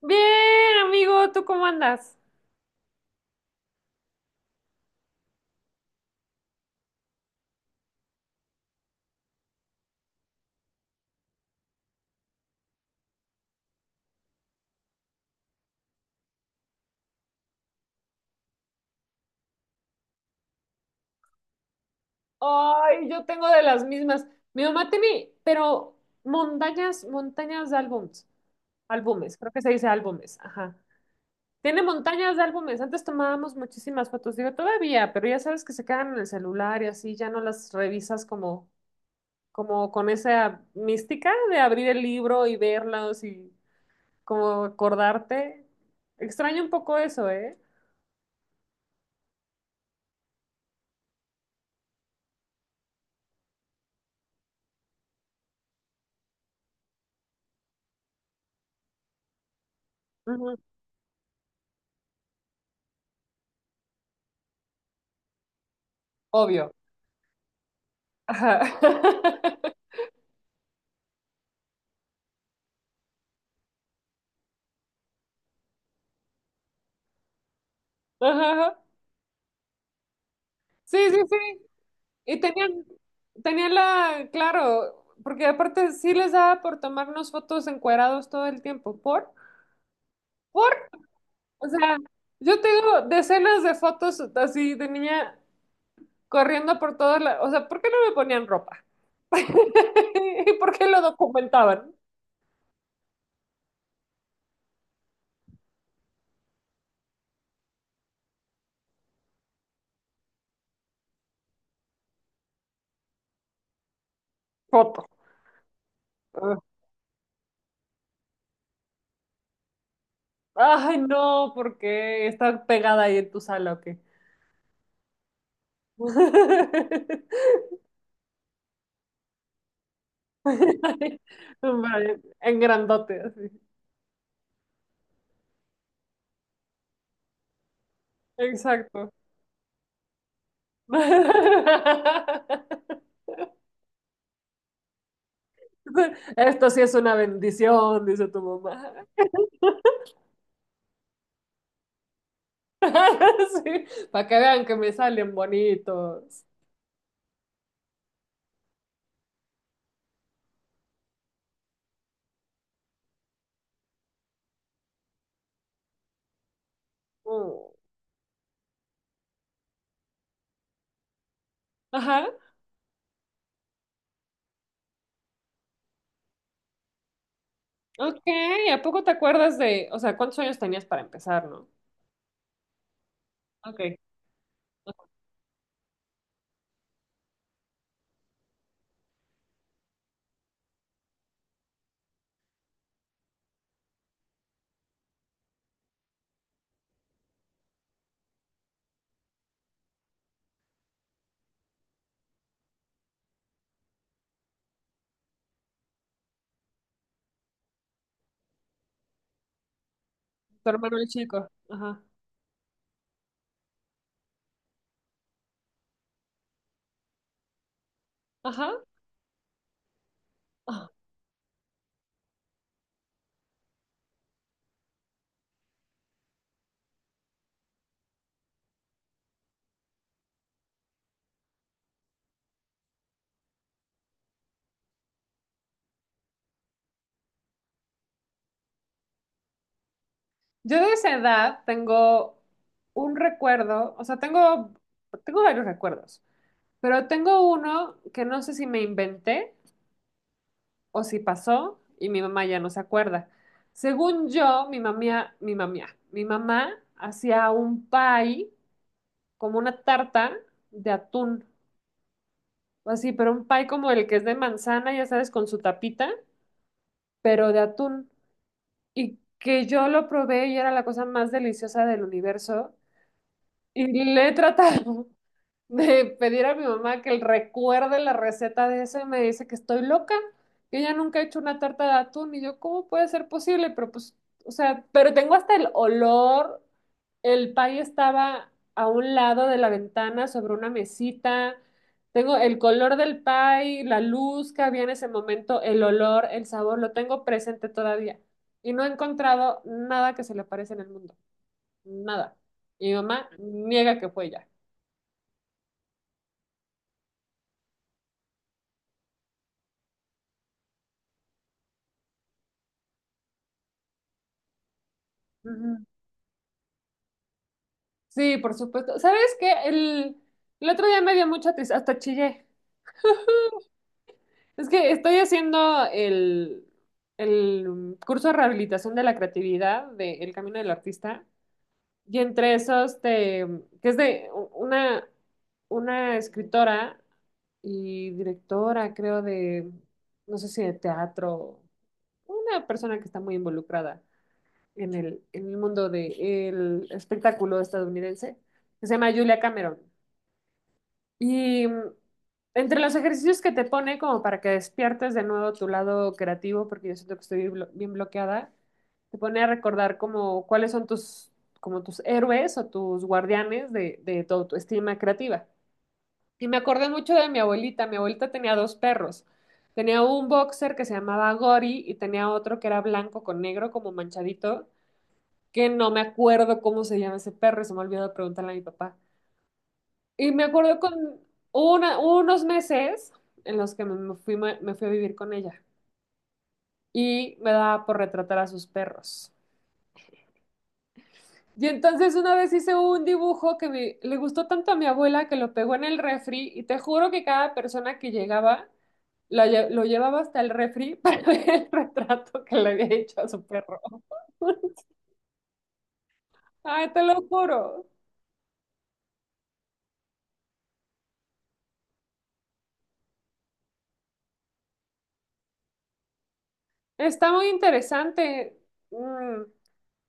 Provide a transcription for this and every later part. Bien, amigo, ¿tú cómo andas? Ay, yo tengo de las mismas. Mi mamá tiene, pero montañas, montañas de álbums, álbumes, creo que se dice álbumes, ajá. Tiene montañas de álbumes. Antes tomábamos muchísimas fotos, digo, todavía, pero ya sabes que se quedan en el celular y así, ya no las revisas como con esa mística de abrir el libro y verlos y como acordarte. Extraño un poco eso, ¿eh? Ujú. Obvio. Ajá. Ajá. Sí, sí, sí. Y tenían la, claro, porque aparte sí les daba por tomarnos fotos encuerados todo el tiempo. ¿Por? ¿Por? O sea, yo tengo decenas de fotos así de niña corriendo por todas las. O sea, ¿por qué no me ponían ropa? ¿Y por qué lo documentaban? Foto. Ah. Ay, no, porque está pegada ahí en tu sala, ¿o qué? Vale, en grandote, así. Exacto. Esto sí es una bendición, dice tu mamá. Sí, para que vean que me salen bonitos. Mm. Ajá. Ok, ¿a poco te acuerdas de, o sea, cuántos años tenías para empezar, no? Ok. Tu hermano el chico. Ajá. Ajá. Ah. Yo de esa edad tengo un recuerdo, o sea, tengo varios recuerdos, pero tengo uno que no sé si me inventé o si pasó y mi mamá ya no se acuerda. Según yo, mi mamá hacía un pie como una tarta de atún, o así, pero un pie como el que es de manzana, ya sabes, con su tapita, pero de atún. Y que yo lo probé y era la cosa más deliciosa del universo. Y le he tratado de pedir a mi mamá que él recuerde la receta de eso y me dice que estoy loca, que ella nunca ha hecho una tarta de atún y yo, ¿cómo puede ser posible? Pero pues, o sea, pero tengo hasta el olor, el pay estaba a un lado de la ventana sobre una mesita, tengo el color del pay, la luz que había en ese momento, el olor, el sabor, lo tengo presente todavía y no he encontrado nada que se le parezca en el mundo, nada. Y mi mamá niega que fue ella. Sí, por supuesto. ¿Sabes qué? El otro día me dio mucha tristeza, hasta chillé. Es que estoy haciendo el curso de rehabilitación de la creatividad de El Camino del Artista. Y entre esos, que es de una escritora y directora, creo, de, no sé si de teatro, una persona que está muy involucrada en el mundo del espectáculo estadounidense, que se llama Julia Cameron. Y entre los ejercicios que te pone como para que despiertes de nuevo tu lado creativo, porque yo siento que estoy bien bloqueada, te pone a recordar como cuáles son tus, como tus héroes o tus guardianes de toda tu estima creativa. Y me acordé mucho de mi abuelita. Mi abuelita tenía dos perros. Tenía un boxer que se llamaba Gori y tenía otro que era blanco con negro como manchadito, que no me acuerdo cómo se llama ese perro y se me ha olvidado preguntarle a mi papá. Y me acuerdo con unos meses en los que me fui a vivir con ella y me daba por retratar a sus perros. Y entonces una vez hice un dibujo que le gustó tanto a mi abuela que lo pegó en el refri y te juro que cada persona que llegaba lo llevaba hasta el refri para ver el retrato que le había hecho a su perro. Ay, te lo juro. Está muy interesante. Mm.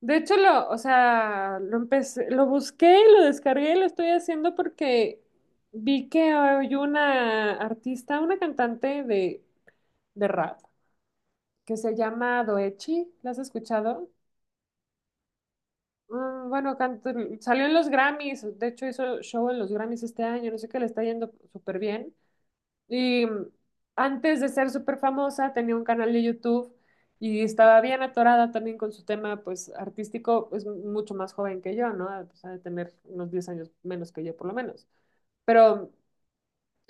De hecho, lo, o sea, lo empecé, lo busqué, lo descargué, y lo estoy haciendo porque vi que hay una artista, una cantante de rap que se llama Doechi. ¿La has escuchado? Bueno, salió en los Grammys, de hecho hizo show en los Grammys este año, no sé qué le está yendo súper bien. Y antes de ser súper famosa, tenía un canal de YouTube y estaba bien atorada también con su tema, pues, artístico, es mucho más joven que yo, ¿no? O sea, de tener unos 10 años menos que yo, por lo menos. Pero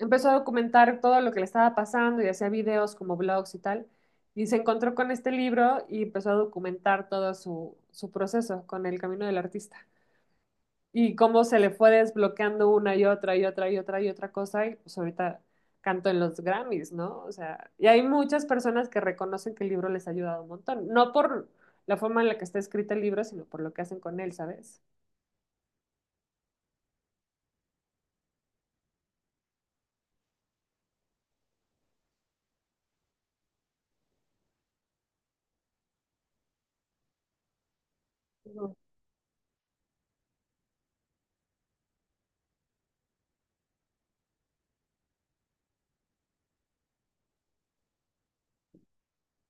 empezó a documentar todo lo que le estaba pasando y hacía videos como blogs y tal. Y se encontró con este libro y empezó a documentar todo su proceso con el camino del artista y cómo se le fue desbloqueando una y otra y otra y otra y otra cosa, y pues ahorita canto en los Grammys, ¿no? O sea, y hay muchas personas que reconocen que el libro les ha ayudado un montón, no por la forma en la que está escrito el libro, sino por lo que hacen con él, ¿sabes? Ujú.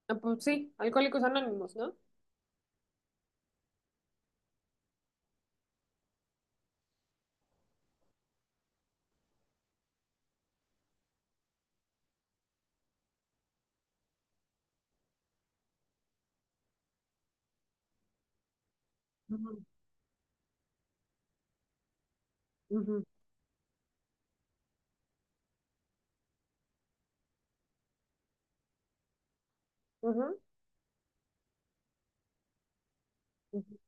Ah. Pues sí, Alcohólicos Anónimos, ¿no? Ujú. Ujú. Ujú. Ujú.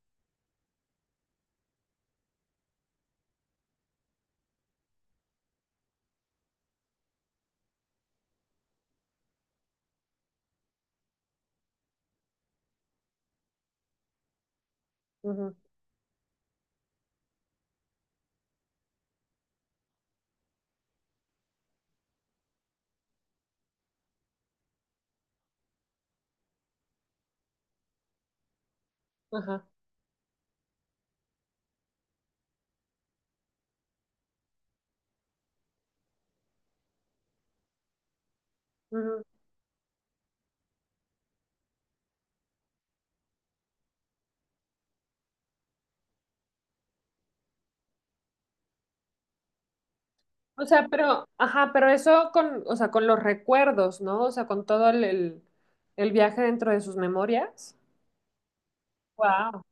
Ujú. Ajá. Ujú. O sea, pero, ajá, pero eso con, o sea, con los recuerdos, ¿no? O sea, con todo el, el viaje dentro de sus memorias. Wow.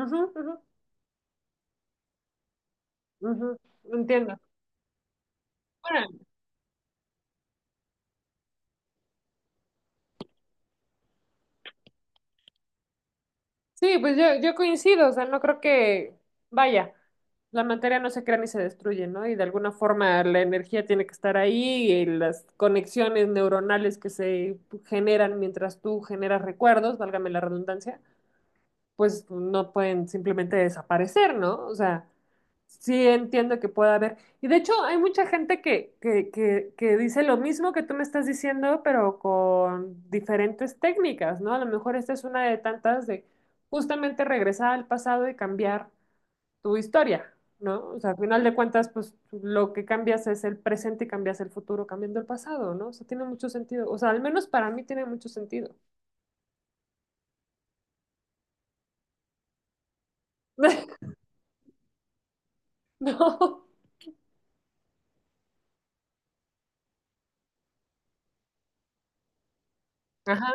Ujú. Ujú. Ujú. Entiendo. Bueno, sí, pues yo coincido, o sea, no creo que, vaya, la materia no se crea ni se destruye, ¿no? Y de alguna forma la energía tiene que estar ahí y las conexiones neuronales que se generan mientras tú generas recuerdos, válgame la redundancia, pues no pueden simplemente desaparecer, ¿no? O sea, sí entiendo que pueda haber. Y de hecho, hay mucha gente que dice lo mismo que tú me estás diciendo, pero con diferentes técnicas, ¿no? A lo mejor esta es una de tantas de justamente regresar al pasado y cambiar tu historia, ¿no? O sea, al final de cuentas, pues lo que cambias es el presente y cambias el futuro cambiando el pasado, ¿no? O sea, tiene mucho sentido. O sea, al menos para mí tiene mucho sentido. No. Ajá,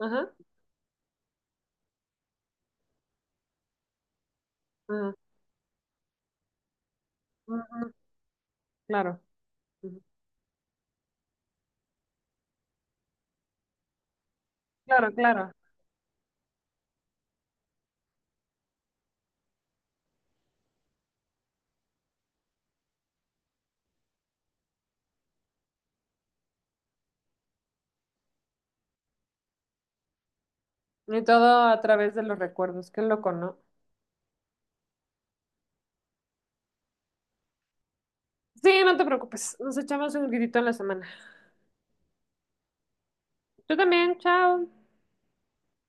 ajá, ajá. Ujú. Claro. Ujú. Claro, claro. Y todo a través de los recuerdos. Qué loco, ¿no? Sí, no te preocupes. Nos echamos un grito en la semana. Tú también, chao.